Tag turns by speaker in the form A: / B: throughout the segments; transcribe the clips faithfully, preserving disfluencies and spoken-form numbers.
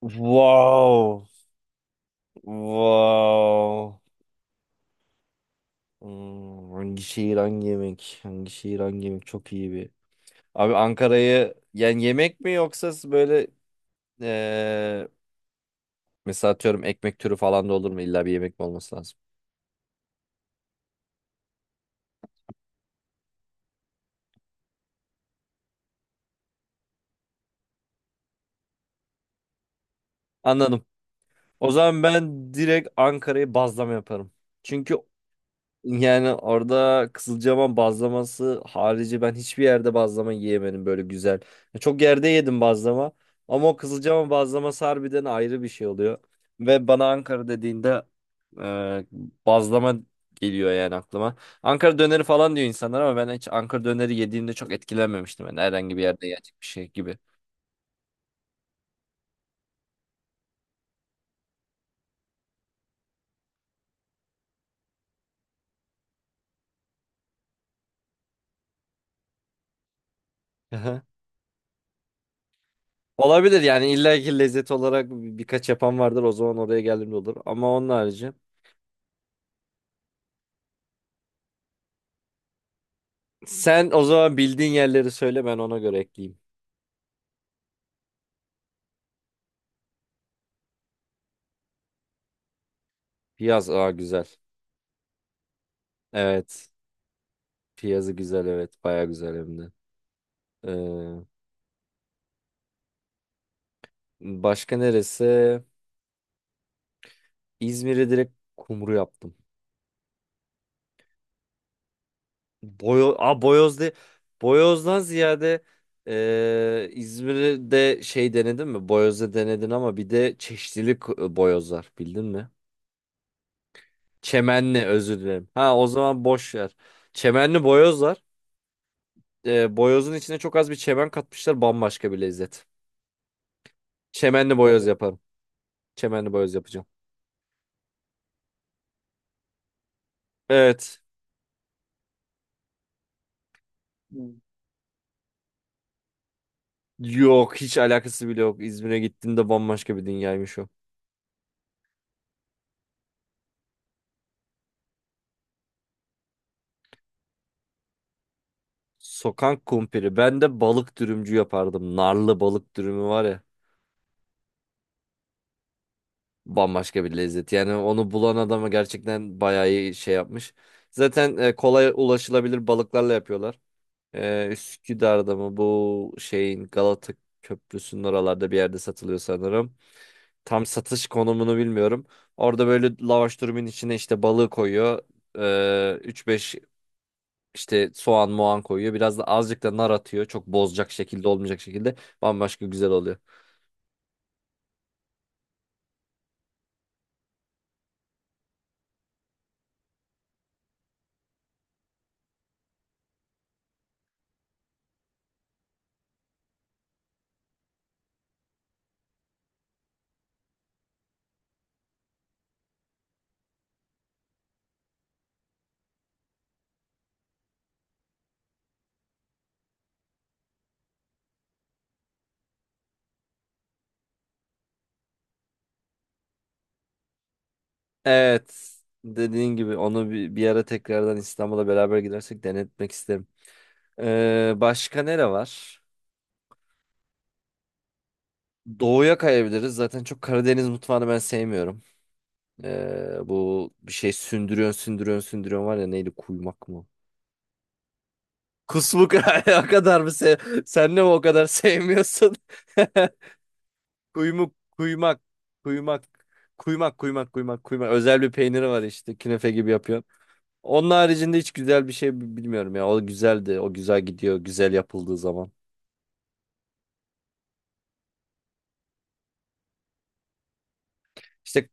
A: Wow. Wow. Hmm, hangi şehir hangi yemek? Hangi şehir hangi yemek? Çok iyi bir. Abi Ankara'yı yani yemek mi yoksa böyle eee mesela atıyorum ekmek türü falan da olur mu? İlla bir yemek mi olması lazım? Anladım. O zaman ben direkt Ankara'yı bazlama yaparım. Çünkü yani orada Kızılcahamam bazlaması harici ben hiçbir yerde bazlama yiyemedim böyle güzel. Çok yerde yedim bazlama ama o Kızılcahamam bazlaması harbiden ayrı bir şey oluyor. Ve bana Ankara dediğinde e, bazlama geliyor yani aklıma. Ankara döneri falan diyor insanlar ama ben hiç Ankara döneri yediğimde çok etkilenmemiştim. Yani herhangi bir yerde yiyecek bir şey gibi. Aha. Olabilir yani illa ki lezzet olarak birkaç yapan vardır, o zaman oraya geldiğimde olur, ama onun harici. Sen o zaman bildiğin yerleri söyle, ben ona göre ekleyeyim. Piyaz, aa, güzel. Evet. Piyazı güzel, evet. Baya güzel hem de. Ee, başka neresi? İzmir'i direkt kumru yaptım. Boyo aa, Boyoz de. Boyoz'dan ziyade, ee, İzmir'de şey denedin mi? Boyoz'da denedin, ama bir de çeşitlilik boyozlar bildin mi? Çemenli, özür dilerim. Ha, o zaman boş ver. Çemenli boyozlar. E, boyozun içine çok az bir çemen katmışlar, bambaşka bir lezzet. Çemenli boyoz yaparım. Çemenli boyoz yapacağım. Evet. Hmm. Yok, hiç alakası bile yok. İzmir'e gittiğimde bambaşka bir dünyaymış o. Sokak kumpiri. Ben de balık dürümcü yapardım. Narlı balık dürümü var ya. Bambaşka bir lezzet. Yani onu bulan adama gerçekten bayağı iyi şey yapmış. Zaten e, kolay ulaşılabilir balıklarla yapıyorlar. E, Üsküdar'da mı bu şeyin, Galata Köprüsü'nün oralarda bir yerde satılıyor sanırım. Tam satış konumunu bilmiyorum. Orada böyle lavaş durumun içine işte balığı koyuyor. Ee, üç beş işte soğan moğan koyuyor. Biraz da azıcık da nar atıyor, çok bozacak şekilde olmayacak şekilde. Bambaşka güzel oluyor. Evet. Dediğin gibi onu bir, bir ara tekrardan İstanbul'a beraber gidersek denetmek isterim. Ee, başka nere var? Doğuya kayabiliriz. Zaten çok Karadeniz mutfağını ben sevmiyorum. Ee, bu bir şey sündürüyorsun sündürüyorsun sündürüyorsun var ya, neydi, kuymak mı? Kusmuk. O kadar mı se sen de mi o kadar sevmiyorsun? Kuymuk, kuymak, kuymak, kuymak, kuymak, kuymak, kuymak. Özel bir peyniri var, işte künefe gibi yapıyor. Onun haricinde hiç güzel bir şey bi- bilmiyorum ya. O güzeldi. O güzel gidiyor. Güzel yapıldığı zaman. İşte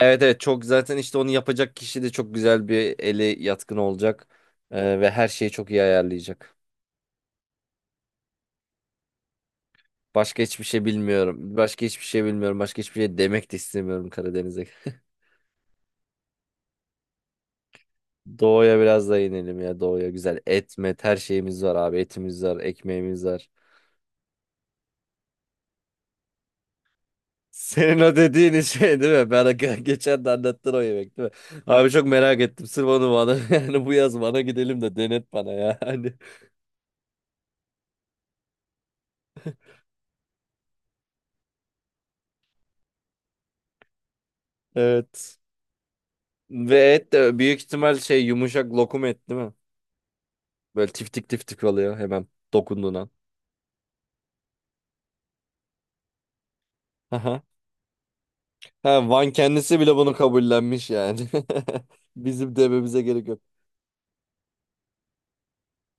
A: evet, evet, çok zaten, işte onu yapacak kişi de çok güzel bir eli yatkın olacak. Ee, ve her şeyi çok iyi ayarlayacak. Başka hiçbir şey bilmiyorum. Başka hiçbir şey bilmiyorum. Başka hiçbir şey demek de istemiyorum Karadeniz'e. Doğuya biraz da inelim ya, doğuya güzel, et met her şeyimiz var abi, etimiz var, ekmeğimiz var. Senin o dediğin şey değil mi? Ben geçen de anlattın o yemek değil mi? Abi çok merak ettim, sırf onu bana yani bu yaz bana gidelim de denet bana ya. Hani, evet. Ve et de büyük ihtimal şey, yumuşak lokum et değil mi? Böyle tiftik tiftik oluyor hemen dokunduğun an. Aha. Ha, Van kendisi bile bunu kabullenmiş yani. Bizim dememize gerek yok.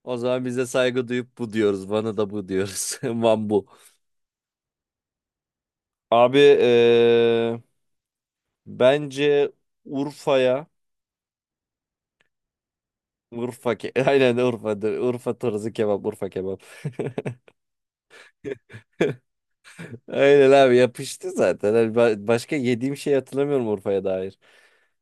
A: O zaman bize saygı duyup bu diyoruz. Bana da bu diyoruz. Van bu. Abi eee, bence Urfa'ya, Urfa ke aynen Urfa'dır. Urfa tarzı kebap, Urfa kebap. Aynen abi, yapıştı zaten. Hani ba- başka yediğim şey hatırlamıyorum Urfa'ya dair.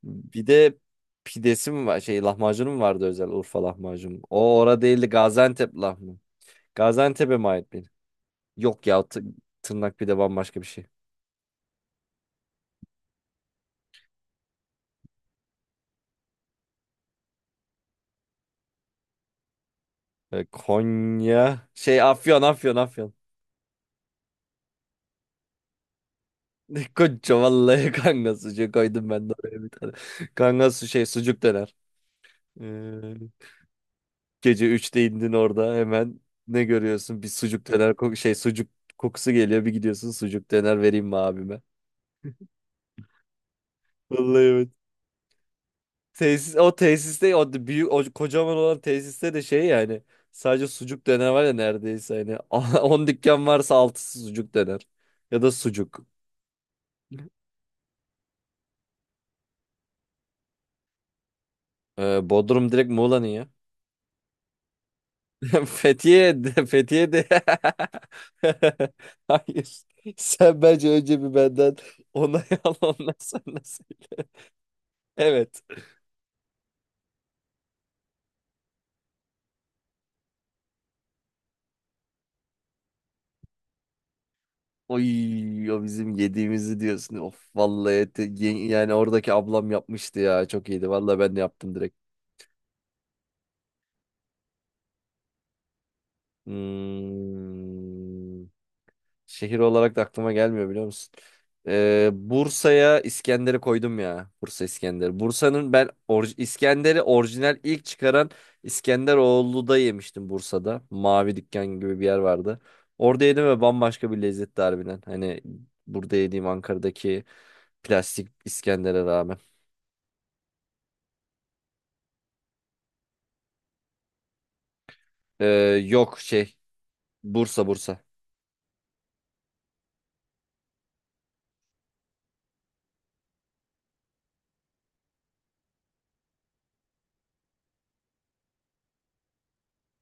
A: Bir de pidesi mi var? Şey, lahmacunu mu vardı, özel Urfa lahmacun? O ora değildi, Gaziantep lahmı. Gaziantep'e mi ait bir? Yok ya, tı- tırnak pide bambaşka bir şey. E, Konya. Şey, Afyon, Afyon, Afyon. Koca vallahi kanka sucuk koydum ben de oraya bir tane. Kanka su şey sucuk döner. Ee, gece üçte indin orada hemen ne görüyorsun? Bir sucuk döner, ko- şey sucuk kokusu geliyor, bir gidiyorsun, sucuk döner vereyim mi abime? Vallahi evet. Tesis, o tesiste, o d- büyük o kocaman olan tesiste de şey yani sadece sucuk döner var ya neredeyse, hani on dükkan varsa altısı sucuk döner ya da sucuk. Ee, Bodrum direkt Muğla'nın ya. Fethiye de, hayır. Sen bence önce bir benden onay al, ondan sonra söyle. Evet. Oy, o bizim yediğimizi diyorsun. Of vallahi, ete- ye- yani oradaki ablam yapmıştı ya. Çok iyiydi. Vallahi ben de yaptım direkt. Hmm. Şehir olarak da aklıma gelmiyor, biliyor musun? Ee, Bursa'ya İskender'i koydum ya. Bursa İskender. Bursa'nın ben orji- İskender'i orijinal ilk çıkaran İskenderoğlu'da yemiştim, Bursa'da. Mavi dükkan gibi bir yer vardı. Orada yedim ve bambaşka bir lezzetti harbiden. Hani burada yediğim Ankara'daki plastik İskender'e rağmen. Ee, yok şey, Bursa, Bursa.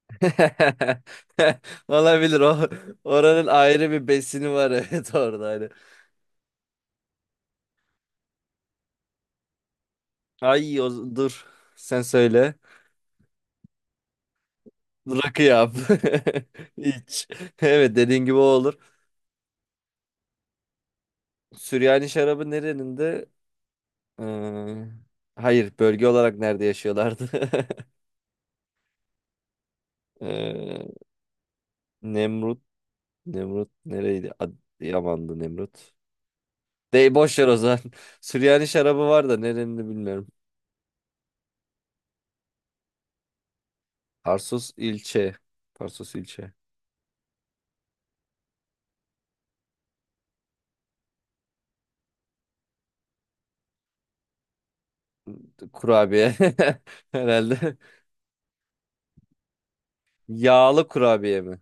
A: Olabilir o. Oranın ayrı bir besini var, evet orada. Ay, o- dur sen söyle. Rakı yap. İç. Evet, dediğin gibi o olur. Süryani şarabı nerenin de? Ee, hayır bölge olarak nerede yaşıyorlardı? Ee, Nemrut. Nemrut nereydi? Ad Yaman'dı Nemrut. Dey boş ver o zaman. Süryani şarabı var da nerenin de bilmiyorum. Tarsus ilçe. Tarsus ilçe. Kurabiye. Herhalde. Yağlı kurabiye mi?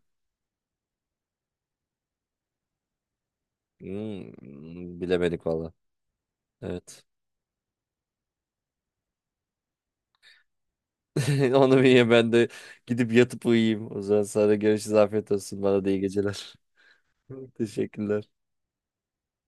A: Hmm, bilemedik valla. Evet. Onu bir ye, ben de gidip yatıp uyuyayım. O zaman sana görüşürüz. Afiyet olsun. Bana da iyi geceler. Teşekkürler.